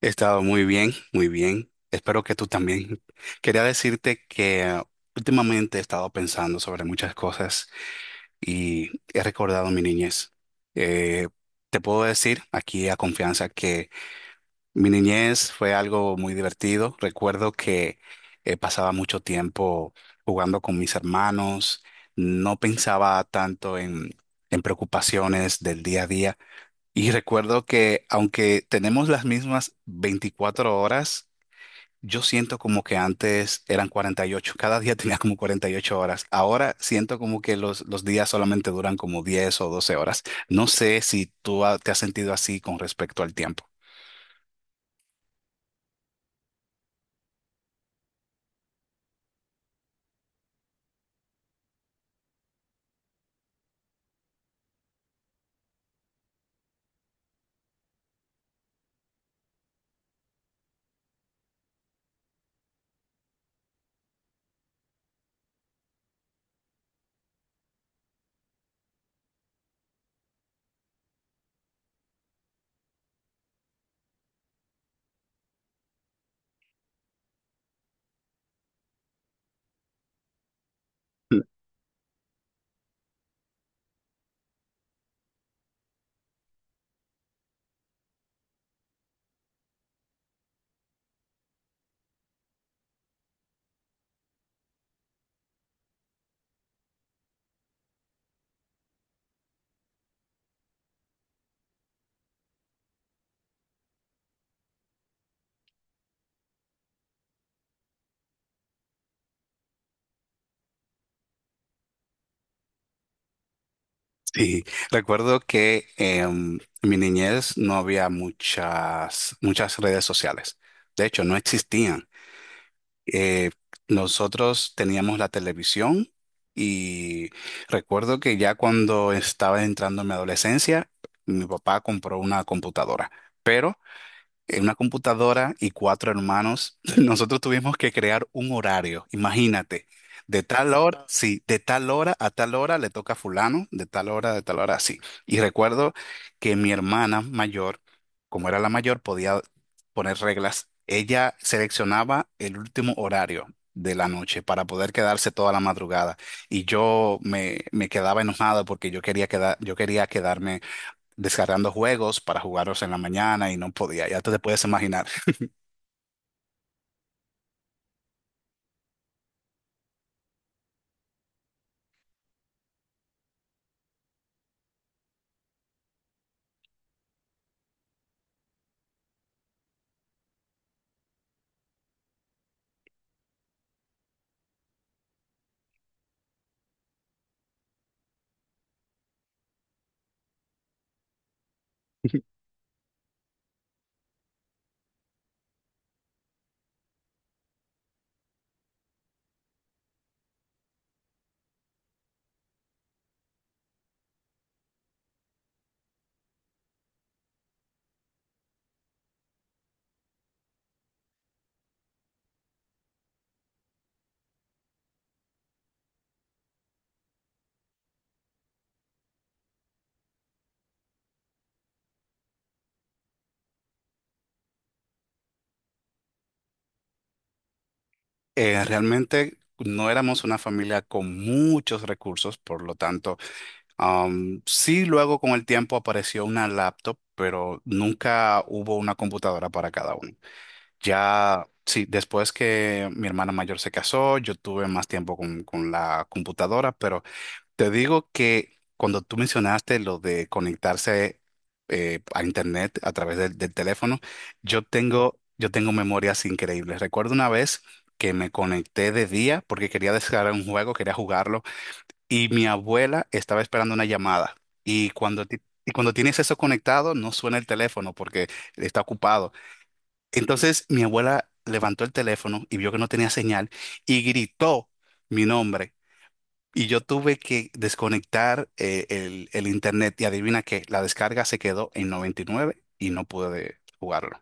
He estado muy bien, muy bien. Espero que tú también. Quería decirte que últimamente he estado pensando sobre muchas cosas y he recordado mi niñez. Eh, te puedo decir aquí a confianza que mi niñez fue algo muy divertido. Recuerdo que pasaba mucho tiempo jugando con mis hermanos. No pensaba tanto en preocupaciones del día a día. Y recuerdo que aunque tenemos las mismas 24 horas, yo siento como que antes eran 48. Cada día tenía como 48 horas. Ahora siento como que los días solamente duran como 10 o 12 horas. No sé si te has sentido así con respecto al tiempo. Mm. Sí, recuerdo que en mi niñez no había muchas, muchas redes sociales. De hecho, no existían. eh, nosotros teníamos la televisión y recuerdo que ya cuando estaba entrando en mi adolescencia, mi papá compró una computadora. Pero en una computadora y cuatro hermanos, nosotros tuvimos que crear un horario, imagínate, de tal hora. Wow. Sí, de tal hora a tal hora le toca a fulano, de tal hora, así. Y recuerdo que mi hermana mayor, como era la mayor, podía poner reglas. Ella seleccionaba el último horario de la noche para poder quedarse toda la madrugada y yo me quedaba enojado porque yo quería quedar yo quería quedarme descargando juegos para jugarlos en la mañana y no podía, ya te puedes imaginar. Realmente no éramos una familia con muchos recursos, por lo tanto, sí luego con el tiempo apareció una laptop, pero nunca hubo una computadora para cada uno. Ya, sí, después que mi hermana mayor se casó, yo tuve más tiempo con la computadora, pero te digo que cuando tú mencionaste lo de conectarse a internet a través del teléfono, yo tengo memorias increíbles. Recuerdo una vez que me conecté de día porque quería descargar un juego, quería jugarlo, y mi abuela estaba esperando una llamada. Y y cuando tienes eso conectado, no suena el teléfono porque está ocupado. Entonces mi abuela levantó el teléfono y vio que no tenía señal y gritó mi nombre. Y yo tuve que desconectar el internet y adivina qué, la descarga se quedó en 99 y nueve y no pude jugarlo.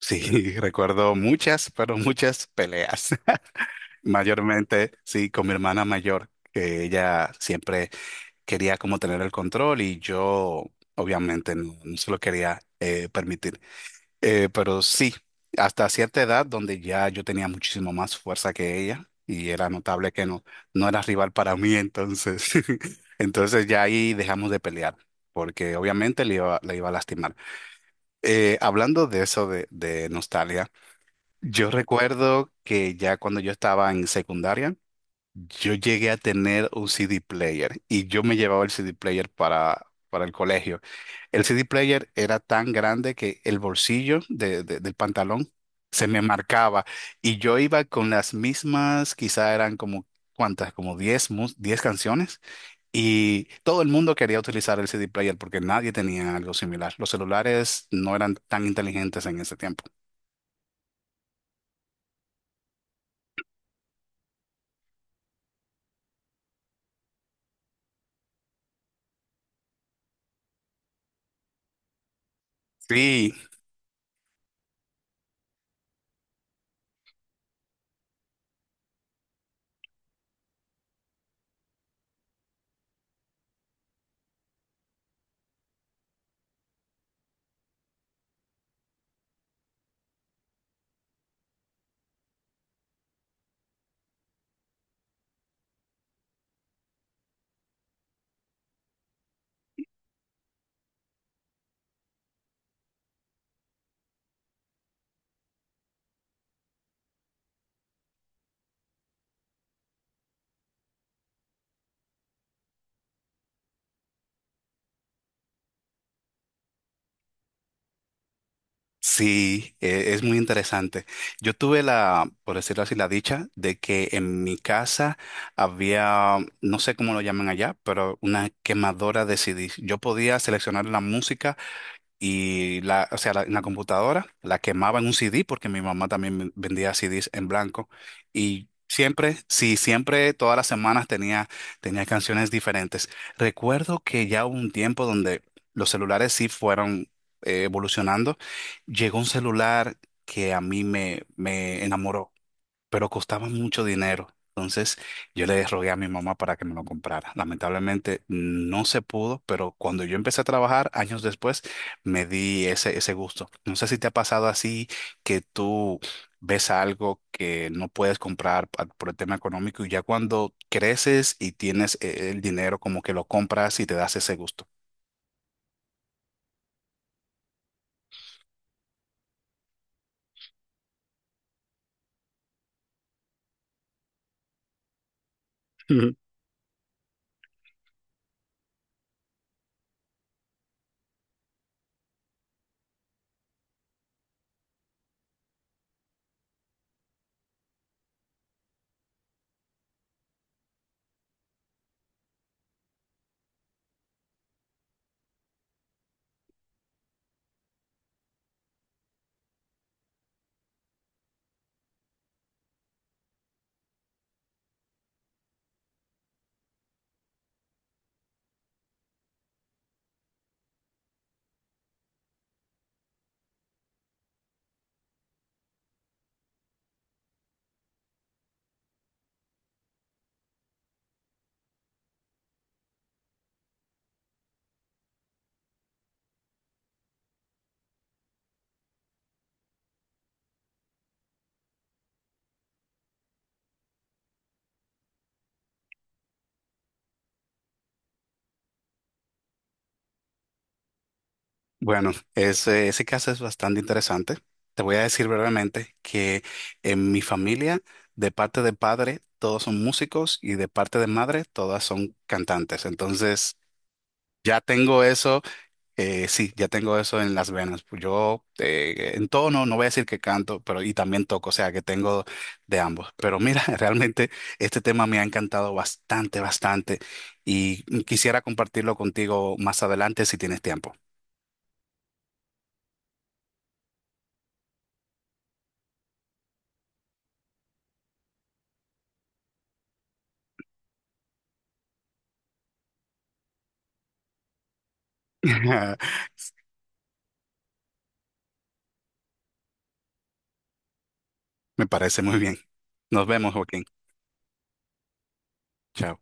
Sí, recuerdo muchas, pero muchas peleas. Mayormente, sí, con mi hermana mayor, que ella siempre quería como tener el control y yo obviamente no, no se lo quería permitir. Pero sí, hasta cierta edad donde ya yo tenía muchísimo más fuerza que ella y era notable que no, no era rival para mí, entonces, entonces ya ahí dejamos de pelear, porque obviamente le iba a lastimar. Hablando de eso de nostalgia, yo recuerdo que ya cuando yo estaba en secundaria, yo llegué a tener un CD player y yo me llevaba el CD player para el colegio. El CD player era tan grande que el bolsillo del pantalón se me marcaba y yo iba con las mismas, quizá eran como, ¿cuántas? Como 10 canciones y todo el mundo quería utilizar el CD player porque nadie tenía algo similar. Los celulares no eran tan inteligentes en ese tiempo. Sí. Sí, es muy interesante. Yo tuve la, por decirlo así, la dicha de que en mi casa había, no sé cómo lo llaman allá, pero una quemadora de CDs. Yo podía seleccionar la música y la, o sea, la- en la computadora la quemaba en un CD porque mi mamá también vendía CDs en blanco. Y siempre, sí, siempre, todas las semanas tenía canciones diferentes. Recuerdo que ya hubo un tiempo donde los celulares sí fueron evolucionando. Llegó un celular que a mí me enamoró pero costaba mucho dinero. Entonces yo le rogué a mi mamá para que me lo comprara. Lamentablemente no se pudo, pero cuando yo empecé a trabajar años después, me di ese gusto. No sé si te ha pasado así que tú ves algo que no puedes comprar por el tema económico y ya cuando creces y tienes el dinero, como que lo compras y te das ese gusto. Bueno, ese caso es bastante interesante. Te voy a decir brevemente que en mi familia, de parte de padre, todos son músicos y de parte de madre, todas son cantantes. Entonces, ya tengo eso, sí, ya tengo eso en las venas. Pues yo en tono, no voy a decir que canto, pero y también toco, o sea, que tengo de ambos. Pero mira, realmente este tema me ha encantado bastante, bastante y quisiera compartirlo contigo más adelante si tienes tiempo. Me parece muy bien. Nos vemos, Joaquín. Chao.